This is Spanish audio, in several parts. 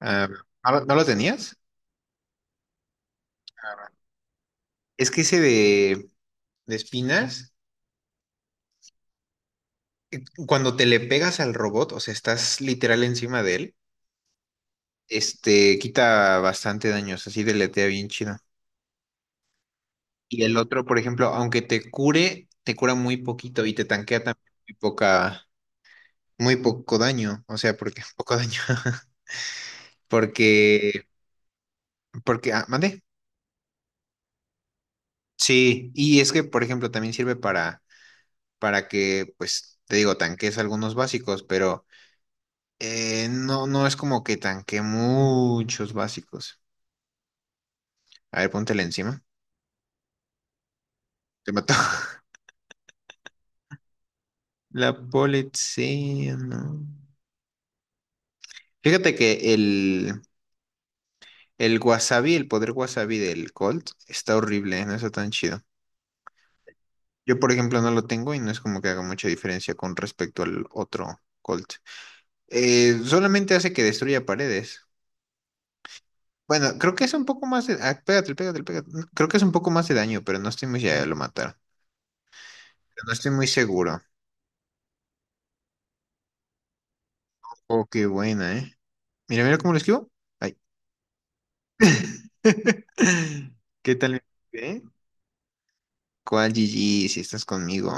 Ah, ¿no, lo no lo tenías? Es que ese de espinas, cuando te le pegas al robot, o sea, estás literal encima de él, este, quita bastante daños, así deletea bien chido. Y el otro, por ejemplo, aunque te cure, te cura muy poquito y te tanquea también muy poca, muy poco daño, o sea, porque poco daño, porque, mande. Sí, y es que, por ejemplo, también sirve para, que, pues, te digo, tanques algunos básicos, pero, no, no es como que tanque muchos básicos. A ver, póntela encima. Te mató. La policía, no. Fíjate que el wasabi, el poder wasabi del Colt está horrible, ¿eh? No está tan chido. Yo, por ejemplo, no lo tengo y no es como que haga mucha diferencia con respecto al otro Colt. Solamente hace que destruya paredes. Bueno, creo que es un poco más de... ah, pégate, pégate, pégate. No, creo que es un poco más de daño, pero no estoy muy... Ya lo mataron. No estoy muy seguro. Oh, qué buena, ¿eh? Mira, mira cómo lo esquivo. Ay. ¿Qué tal? ¿Eh? ¿Cuál GG si estás conmigo?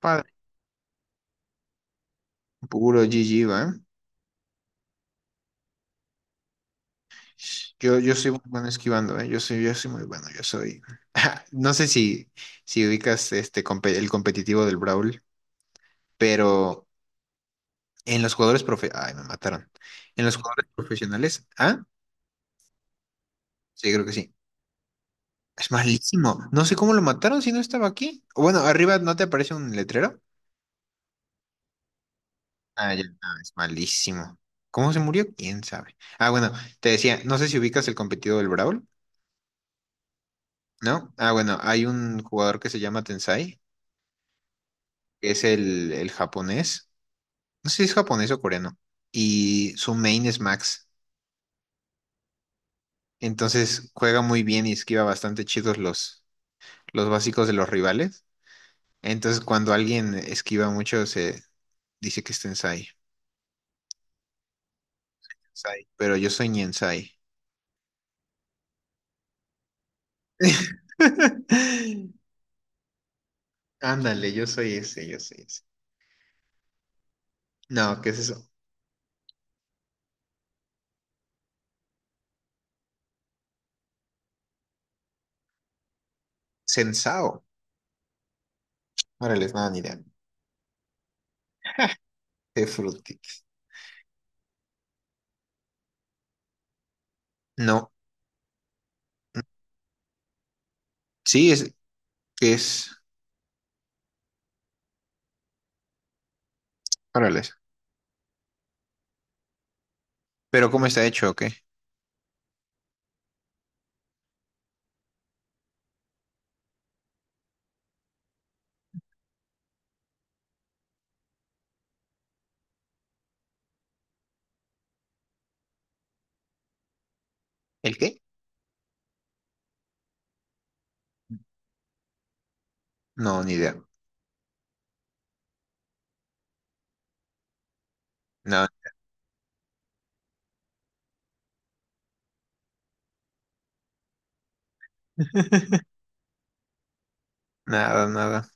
Padre, puro GG, ¿va? Yo soy muy bueno esquivando, ¿eh? Yo soy muy bueno, yo soy. No sé si, ubicas este el competitivo del Brawl, pero en los jugadores Ay, me mataron. En los jugadores profesionales, ¿ah? Sí, creo que sí. Es malísimo. No sé cómo lo mataron si no estaba aquí. O bueno, arriba no te aparece un letrero. Ah, ya, no, es malísimo. ¿Cómo se murió? ¿Quién sabe? Ah, bueno, te decía, no sé si ubicas el competido del Brawl, ¿no? Ah, bueno, hay un jugador que se llama Tensai, que es el, japonés, no sé si es japonés o coreano, y su main es Max. Entonces juega muy bien y esquiva bastante chidos los básicos de los rivales. Entonces cuando alguien esquiva mucho se dice que es Tensai. Sai, pero yo soy Niensai. Ándale, yo soy ese, yo soy ese. No, ¿qué es eso? Sensao. Órale, nada, ni idea. De Fructit. No. Sí, es que es. Órale. Pero ¿cómo está hecho o qué? ¿El qué? No, ni idea. No, nada, nada.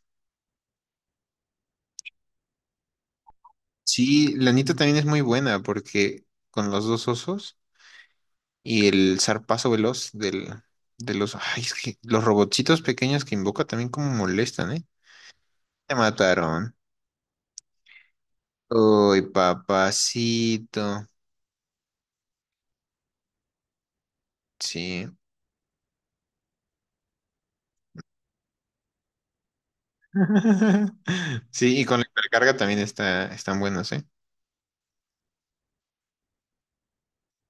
Sí, la Anita también es muy buena porque con los dos osos y el zarpazo veloz del, de los. Ay, es que los robotcitos pequeños que invoca también como molestan, ¿eh? Te mataron. Uy, papacito. Sí. Sí, y con la hipercarga también está, están buenos, ¿eh?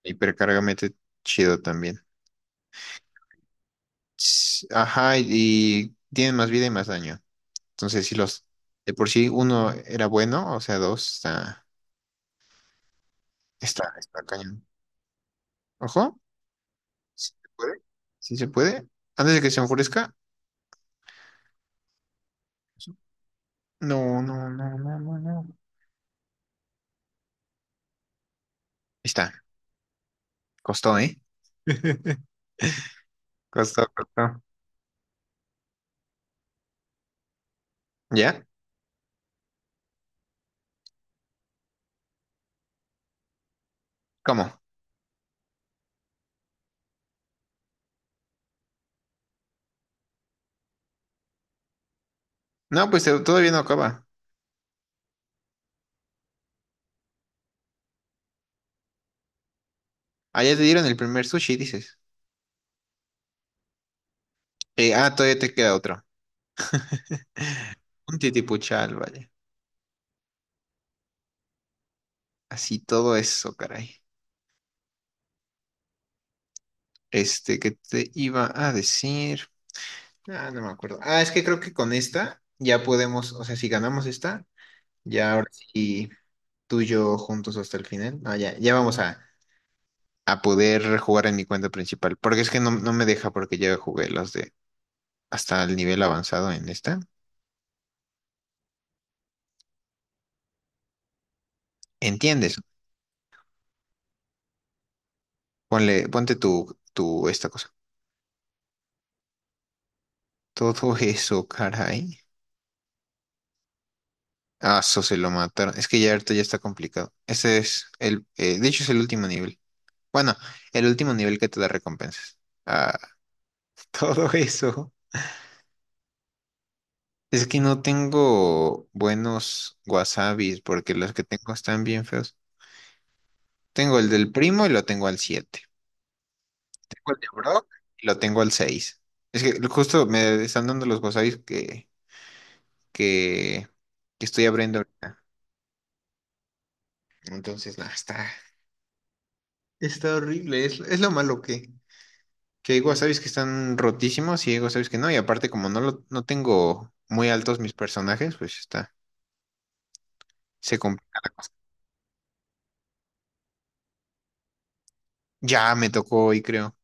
Hipercargamento chido también. Ajá, y tienen más vida y más daño. Entonces, si los de por sí uno era bueno, o sea, dos está, está cañón. Ojo, si se puede, si se puede, antes de que se enfurezca. No, no, no, no, no, no. Ahí está, costó, ¿eh? Costó, costó. ¿Ya? ¿Cómo? No, pues todavía no acaba. Ah, ya te dieron el primer sushi, dices. Todavía te queda otro. Un titipuchal, vale. Así todo eso, caray. Este, ¿que te iba a decir? Ah, no me acuerdo. Ah, es que creo que con esta ya podemos, o sea, si ganamos esta, ya ahora sí tú y yo juntos hasta el final. No, ya, ya vamos a, poder jugar en mi cuenta principal, porque es que no, no me deja porque ya jugué los de hasta el nivel avanzado en esta. ¿Entiendes? Ponle, ponte tu, esta cosa. Todo eso, caray. Ah, eso se lo mataron. Es que ya ahorita ya está complicado. Ese es el, de hecho es el último nivel. Bueno, el último nivel que te da recompensas. Ah, todo eso. Es que no tengo buenos wasabis porque los que tengo están bien feos. Tengo el del primo y lo tengo al 7. Tengo el de Brock y lo tengo al 6. Es que justo me están dando los wasabis que, que, que estoy abriendo ahorita. Entonces, nada, está, está horrible. Es lo malo que hay wasabis que están rotísimos y hay wasabis que no. Y aparte, como no, lo, no tengo muy altos mis personajes, pues está. Se complica. Ya me tocó hoy, creo.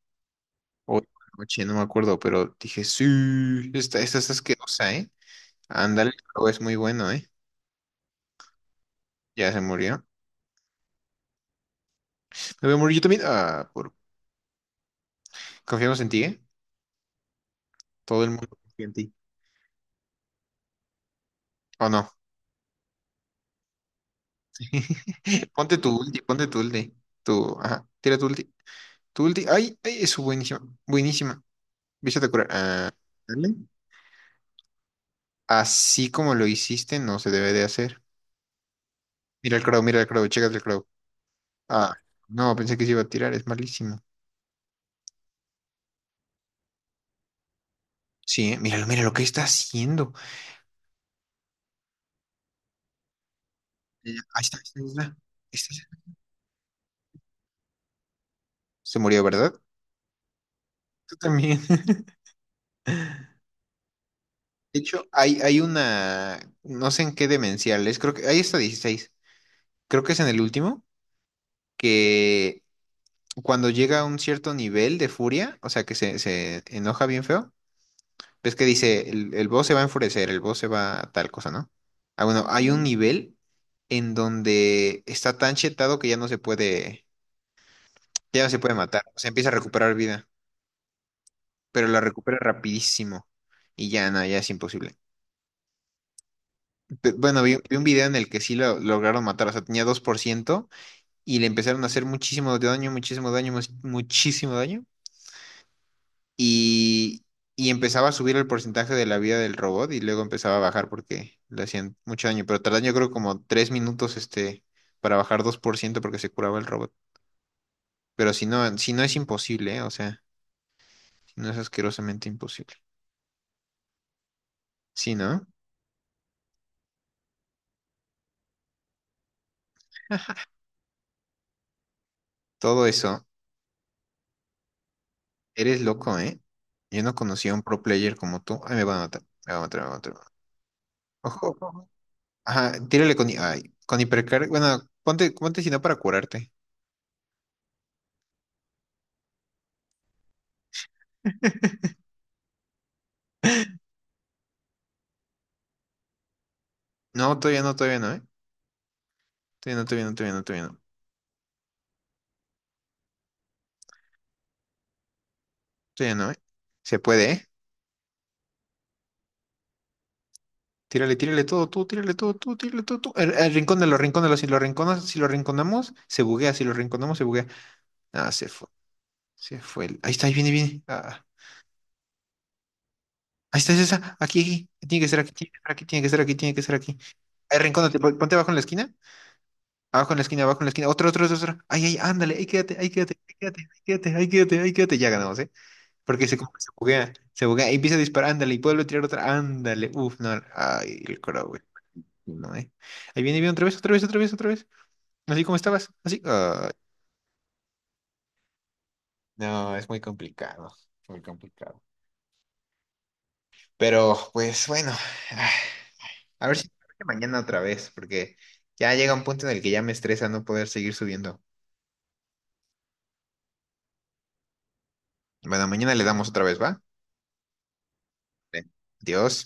Hoy por la noche, no me acuerdo, pero dije, sí, esta es asquerosa, ¿eh? Ándale, pero es muy bueno, ¿eh? Ya se murió. Me voy a morir yo también. Ah, Confiamos en ti, ¿eh? Todo el mundo confía en ti. ¿O no? Ponte tu ulti, ponte tu ulti. Tu, ajá, tira tu ulti. Tu ulti. Ay, ay, es buenísima. Buenísima. Viste a curar. Ah, dale. Así como lo hiciste, no se debe de hacer. Mira el crow, chécate el crow. Ah, no, pensé que se iba a tirar, es malísimo. Sí, ¿eh? Míralo, mira lo que está haciendo. Mira, ahí está, ahí está, ahí está. Ahí está, ahí está. Se murió, ¿verdad? Tú también. De hecho, hay una, no sé en qué demencial es, creo que, ahí está 16. Creo que es en el último, que cuando llega a un cierto nivel de furia, o sea, que se enoja bien feo, ves que dice, el boss se va a enfurecer, el boss se va a tal cosa, ¿no? Ah, bueno, hay un nivel en donde está tan chetado que ya no se puede, ya no se puede matar, o sea, empieza a recuperar vida. Pero la recupera rapidísimo. Y ya, no, ya es imposible. Bueno, vi un video en el que sí lo lograron matar, o sea, tenía 2% y le empezaron a hacer muchísimo daño, muchísimo daño, muchísimo daño. Y, y empezaba a subir el porcentaje de la vida del robot y luego empezaba a bajar porque le hacían mucho daño. Pero tardan yo creo como 3 minutos este, para bajar 2% porque se curaba el robot. Pero si no, si no es imposible, ¿eh? O sea, si no es asquerosamente imposible. Sí, ¿no? Todo eso. Eres loco, ¿eh? Yo no conocía a un pro player como tú. Ay, me va a matar, me va a matar, me va a matar. Ojo, ojo, ojo. Ajá, tírale con, ay, con hipercar. Bueno, ponte, ponte si no para curarte. No, todavía no, todavía no, ¿eh? Todavía no, todavía no, todavía no, todavía no. Todavía no, ¿eh? Se puede, ¿eh? Tírale, tírale todo, tú, tírale todo, tú, tírale todo, tú. El rincónalo, rincónalo. Si lo rinconas, si lo rinconamos, se buguea. Si lo rinconamos, se buguea. Ah, se fue. Se fue. Ahí está, ahí viene, viene. Ah, ah, ahí está, es esa. Aquí, aquí. Tiene que ser aquí, tiene que ser aquí, tiene que ser aquí, tiene que ser aquí. Ahí rincónate, ponte abajo en la esquina. Abajo en la esquina, abajo en la esquina. Otro, otro, otro, otro. Ay, ay, ándale, ahí quédate, ahí quédate, ahí quédate, ahí quédate, ahí quédate, ahí quédate. Ya ganamos, ¿eh? Porque como que se buguea y empieza a disparar, ándale, y vuelve a tirar otra, ándale. Uf, no. Ay, el coro, güey. No, ¿eh? Ahí viene, viene otra vez, otra vez, otra vez, otra vez. Así como estabas, así. Ay, no, es muy complicado, muy complicado. Pero, pues bueno, ah, a ver si mañana otra vez, porque ya llega un punto en el que ya me estresa no poder seguir subiendo. Bueno, mañana le damos otra vez, ¿va? Vale. Adiós.